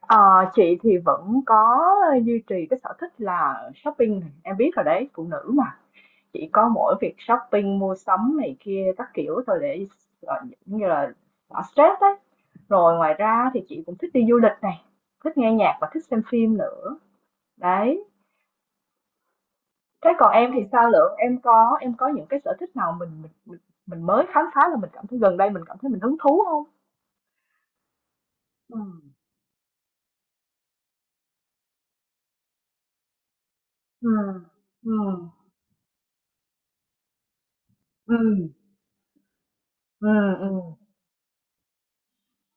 Ờ, chị thì vẫn có duy trì cái sở thích là shopping này, em biết rồi đấy, phụ nữ mà. Chỉ có mỗi việc shopping, mua sắm này kia các kiểu thôi để ờ, giống như là xả stress đấy. Rồi ngoài ra thì chị cũng thích đi du lịch này, thích nghe nhạc và thích xem phim nữa. Đấy. Thế còn em thì sao Lượng? Em có những cái sở thích nào mình mới khám phá là mình cảm thấy gần đây mình cảm thấy mình hứng thú không? Ừ. Ừ. Ừ. Ừ. Ừ. Ừ.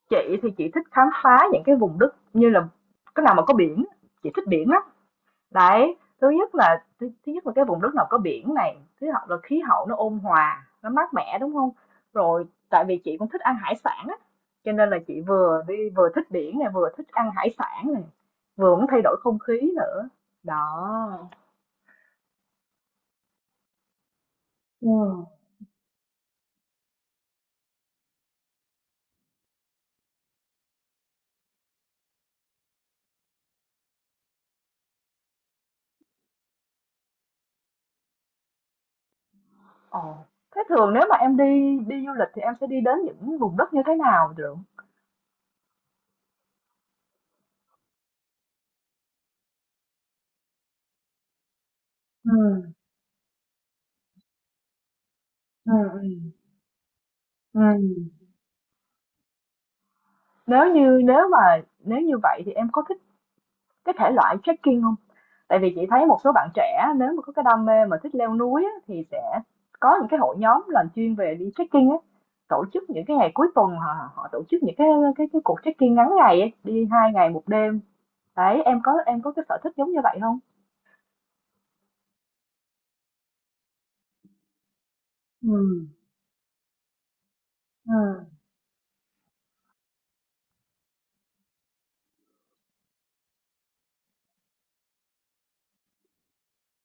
Chị thì chị thích khám phá những cái vùng đất như là cái nào mà có biển, chị thích biển lắm. Đấy, thứ nhất là thứ nhất là cái vùng đất nào có biển này, thứ hai là khí hậu nó ôn hòa, nó mát mẻ đúng không? Rồi tại vì chị cũng thích ăn hải sản á, cho nên là chị vừa đi vừa thích biển này, vừa thích ăn hải sản này, vừa muốn thay đổi không khí nữa. Đó. Ừ. Ồ. Thế thường nếu mà em đi đi du lịch thì em sẽ đi đến những vùng đất như thế nào được? Ừ. Ừ. Ừ. Ừ. Nếu mà nếu như vậy thì em có thích cái thể loại trekking không? Tại vì chị thấy một số bạn trẻ nếu mà có cái đam mê mà thích leo núi á, thì sẽ có những cái hội nhóm làm chuyên về đi trekking á, tổ chức những cái ngày cuối tuần họ họ tổ chức những cái cuộc trekking ngắn ngày ấy, đi 2 ngày một đêm. Đấy, em có cái sở thích giống như vậy không? Ừ. Ừ.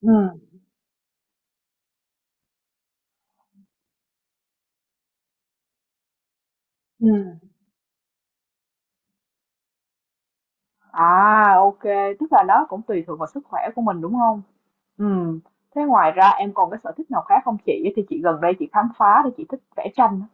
Ừ. ừm. À, ô, tức là nó cũng tùy thuộc vào sức khỏe của mình, đúng không? Ừm, thế ngoài ra em còn cái sở thích nào khác không chị? Thì chị gần đây chị khám phá thì chị thích vẽ tranh á.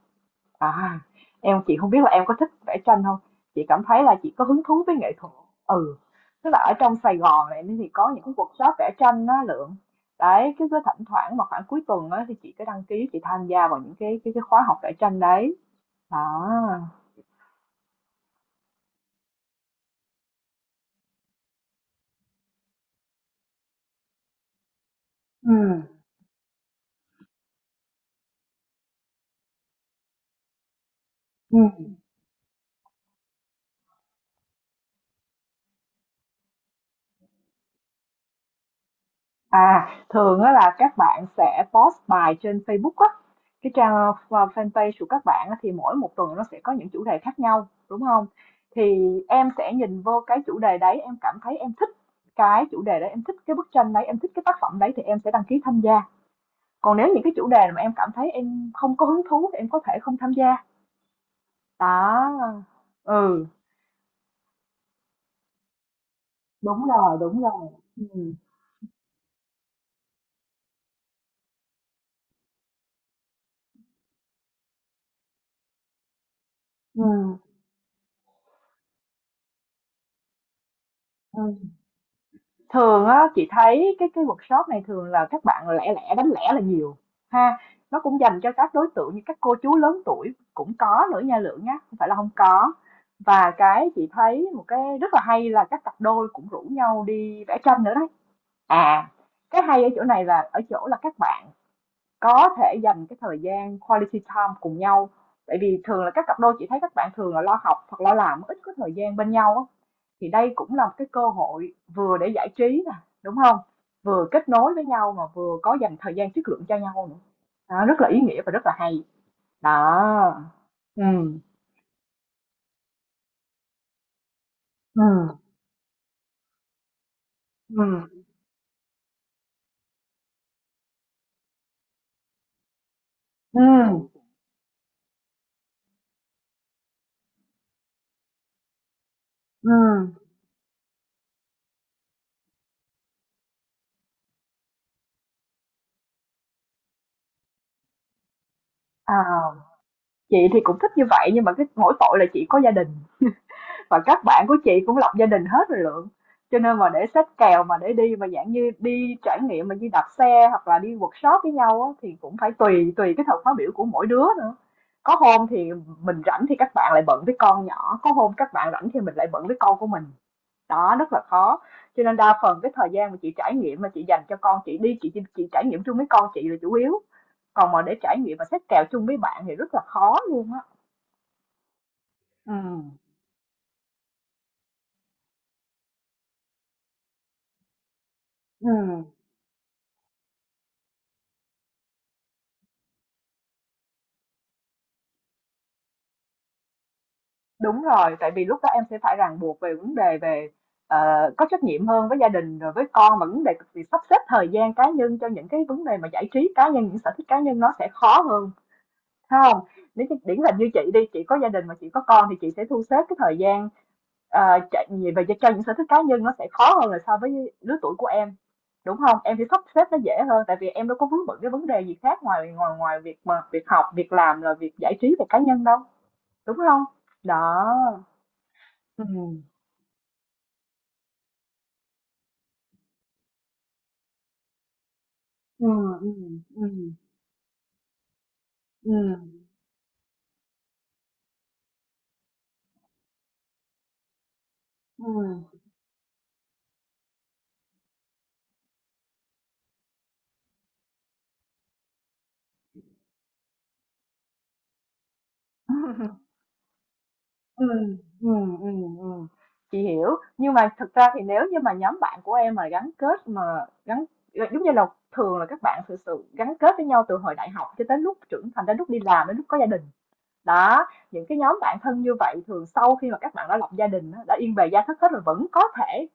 À, em chị không biết là em có thích vẽ tranh không? Chị cảm thấy là chị có hứng thú với nghệ thuật. Ừ, tức là ở trong Sài Gòn này thì có những cái workshop vẽ tranh á Lượng. Đấy, cứ cứ thỉnh thoảng mà khoảng cuối tuần á thì chị cứ đăng ký chị tham gia vào những cái khóa học vẽ tranh đấy. Đó. Ừ. Ừ. À, thường á là các bạn sẽ post bài trên Facebook á, cái trang fanpage của các bạn á, thì mỗi một tuần nó sẽ có những chủ đề khác nhau, đúng không? Thì em sẽ nhìn vô cái chủ đề đấy, em cảm thấy em thích cái chủ đề đấy, em thích cái bức tranh đấy, em thích cái tác phẩm đấy thì em sẽ đăng ký tham gia. Còn nếu những cái chủ đề mà em cảm thấy em không có hứng thú thì em có thể không tham gia. Đó. Ừ, đúng rồi, đúng rồi. Ừ. Ừ. Ừ. Thường á chị thấy cái workshop này thường là các bạn lẻ lẻ đánh lẻ là nhiều, ha, nó cũng dành cho các đối tượng như các cô chú lớn tuổi cũng có nữa nha Lượng nhá, không phải là không có. Và cái chị thấy một cái rất là hay là các cặp đôi cũng rủ nhau đi vẽ tranh nữa đấy. À, cái hay ở chỗ này là ở chỗ là các bạn có thể dành cái thời gian quality time cùng nhau, tại vì thường là các cặp đôi chị thấy các bạn thường là lo học hoặc lo làm, ít có thời gian bên nhau á. Thì đây cũng là một cái cơ hội vừa để giải trí nè, đúng không? Vừa kết nối với nhau mà vừa có dành thời gian chất lượng cho nhau nữa. Đó, rất là ý nghĩa và rất là hay. Đó. Ừm, ừm, ừm, ừm, ừm. Ờ, chị thì cũng thích như vậy nhưng mà cái mỗi tội là chị có gia đình, và các bạn của chị cũng lập gia đình hết rồi Lượng. Cho nên mà để xách kèo mà để đi mà dạng như đi trải nghiệm mà như đạp xe hoặc là đi workshop với nhau á, thì cũng phải tùy tùy cái thời khóa biểu của mỗi đứa nữa. Có hôm thì mình rảnh thì các bạn lại bận với con nhỏ, có hôm các bạn rảnh thì mình lại bận với con của mình. Đó, rất là khó. Cho nên đa phần cái thời gian mà chị trải nghiệm mà chị dành cho con chị đi, chị trải nghiệm chung với con chị là chủ yếu. Còn mà để trải nghiệm mà xách kèo chung với bạn thì rất là khó luôn á. Ừ. Ừ. Đúng rồi, tại vì lúc đó em sẽ phải ràng buộc về vấn đề về, ờ, có trách nhiệm hơn với gia đình rồi với con, và vấn đề việc sắp xếp thời gian cá nhân cho những cái vấn đề mà giải trí cá nhân, những sở thích cá nhân nó sẽ khó hơn, phải không? Nếu như điển hình như chị đi, chị có gia đình mà chị có con thì chị sẽ thu xếp cái thời gian, chạy về về cho những sở thích cá nhân nó sẽ khó hơn là so với lứa tuổi của em, đúng không? Em sẽ sắp xếp nó dễ hơn, tại vì em đâu có vướng bận cái vấn đề gì khác ngoài ngoài ngoài việc mà việc học, việc làm, rồi việc giải trí về cá nhân đâu, đúng không? Đó, ừm. Ừm, ừm, ừm, ừm, ừm, ừm, ừm, ừm, ừm. Chị hiểu, nhưng mà thực ra thì nếu như mà nhóm bạn của em mà gắn kết mà gắn giống như là thường là các bạn thực sự gắn kết với nhau từ hồi đại học cho tới lúc trưởng thành đến lúc đi làm đến lúc có gia đình. Đó, những cái nhóm bạn thân như vậy thường sau khi mà các bạn đã lập gia đình đã yên bề gia thất hết rồi vẫn có thể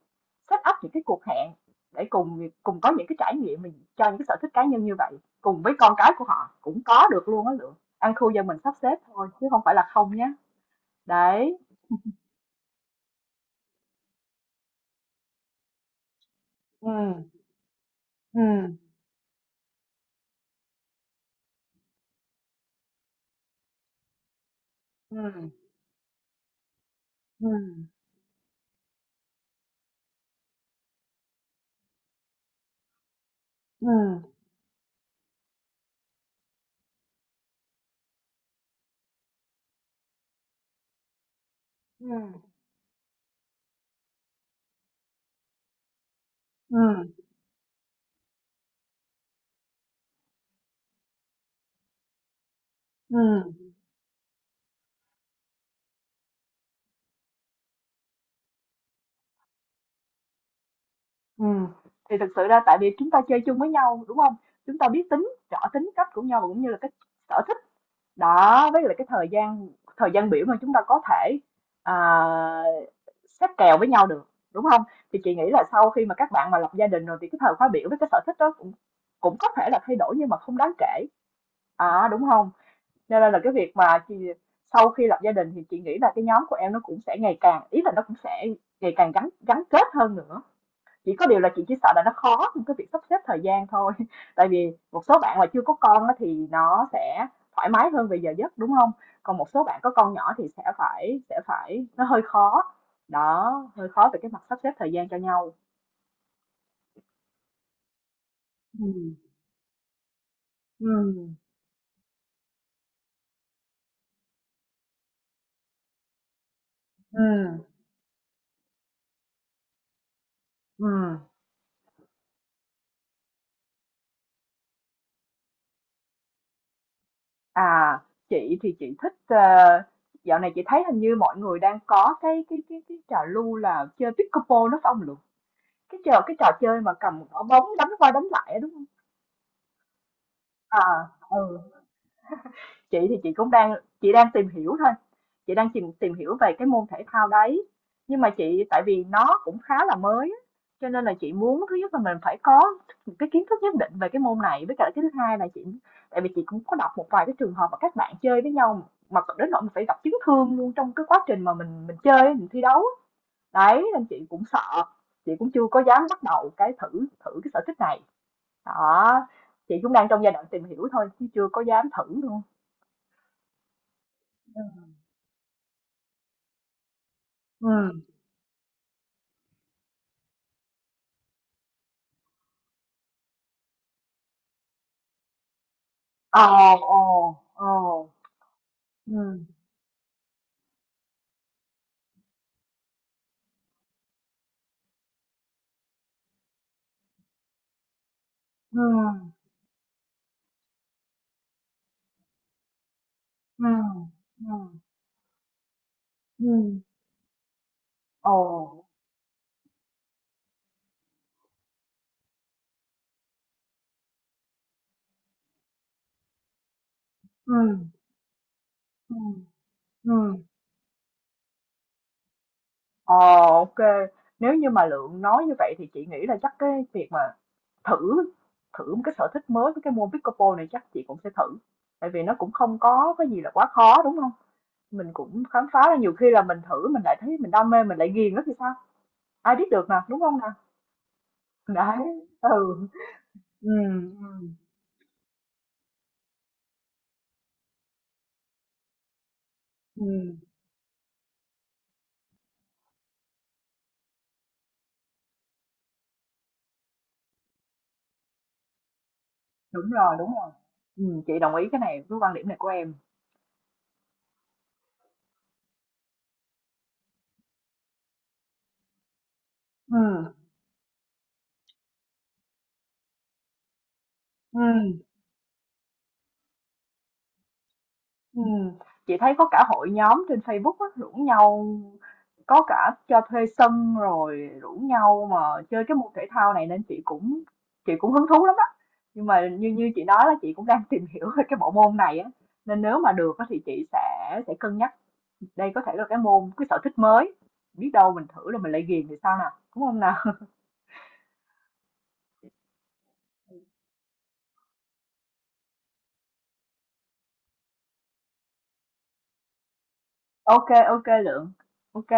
set up những cái cuộc hẹn để cùng cùng có những cái trải nghiệm mình cho những cái sở thích cá nhân như vậy cùng với con cái của họ cũng có được luôn á Lượng, ăn khu do mình sắp xếp thôi chứ không phải là không nhé. Đấy. Ừ. Ừ. ừ. ừ ừ ừ ừ ừ Ừ. Thì thực sự ra tại vì chúng ta chơi chung với nhau đúng không? Chúng ta biết tính, rõ tính cách của nhau và cũng như là cái sở thích đó với lại cái thời gian biểu mà chúng ta có thể à, xếp kèo với nhau được đúng không? Thì chị nghĩ là sau khi mà các bạn mà lập gia đình rồi thì cái thời khóa biểu với cái sở thích đó cũng cũng có thể là thay đổi nhưng mà không đáng kể, đúng không? Cho nên là cái việc mà chị, sau khi lập gia đình thì chị nghĩ là cái nhóm của em nó cũng sẽ ngày càng, ý là nó cũng sẽ ngày càng gắn gắn kết hơn nữa. Chỉ có điều là chị chỉ sợ là nó khó trong cái việc sắp xếp thời gian thôi. Tại vì một số bạn mà chưa có con thì nó sẽ thoải mái hơn về giờ giấc, đúng không? Còn một số bạn có con nhỏ thì sẽ phải nó hơi khó. Đó, hơi khó về cái mặt sắp xếp thời gian cho nhau. Ừ, ừ, ừ, ừm. À, chị thì chị thích, dạo này chị thấy hình như mọi người đang có cái trào lưu là chơi pickleball đó phải hông Lượng? Cái trò chơi mà cầm quả bóng đánh qua đánh lại á, đúng không? À, ừ. Chị thì chị cũng đang chị đang tìm hiểu thôi, chị đang tìm tìm hiểu về cái môn thể thao đấy. Nhưng mà tại vì nó cũng khá là mới á, cho nên là chị muốn thứ nhất là mình phải có một cái kiến thức nhất định về cái môn này với cả cái thứ hai là tại vì chị cũng có đọc một vài cái trường hợp mà các bạn chơi với nhau mà đến nỗi mình phải gặp chấn thương luôn trong cái quá trình mà mình chơi mình thi đấu. Đấy nên chị cũng sợ, chị cũng chưa có dám bắt đầu cái thử thử cái sở thích này. Đó, chị cũng đang trong giai đoạn tìm hiểu thôi chứ chưa có dám thử luôn. Ừ. Ờ, ờ, ờ, ừm, ừm, ừm, ừm, ừm, ờ, ừm, ừm, ừm, ờ, OK. Nếu như mà Lượng nói như vậy thì chị nghĩ là chắc cái việc mà thử thử một cái sở thích mới với cái môn pickleball này chắc chị cũng sẽ thử. Tại vì nó cũng không có cái gì là quá khó đúng không? Mình cũng khám phá ra nhiều khi là mình thử mình lại thấy mình đam mê mình lại ghiền nó thì sao? Ai biết được nè, đúng không nè? Đấy, ừ, ừ, ừ, ừm. Đúng rồi, đúng rồi. Chị đồng ý cái này với quan điểm này của em. Ừm, ừm, ừm. Chị thấy có cả hội nhóm trên Facebook á, rủ nhau có cả cho thuê sân rồi rủ nhau mà chơi cái môn thể thao này nên chị cũng hứng thú lắm đó. Nhưng mà như như chị nói là chị cũng đang tìm hiểu về cái bộ môn này á, nên nếu mà được á thì chị sẽ cân nhắc đây có thể là cái môn, cái sở thích mới. Biết đâu mình thử rồi mình lại ghiền thì sao nào, đúng không nào? Ok, ok Lượng. Ok.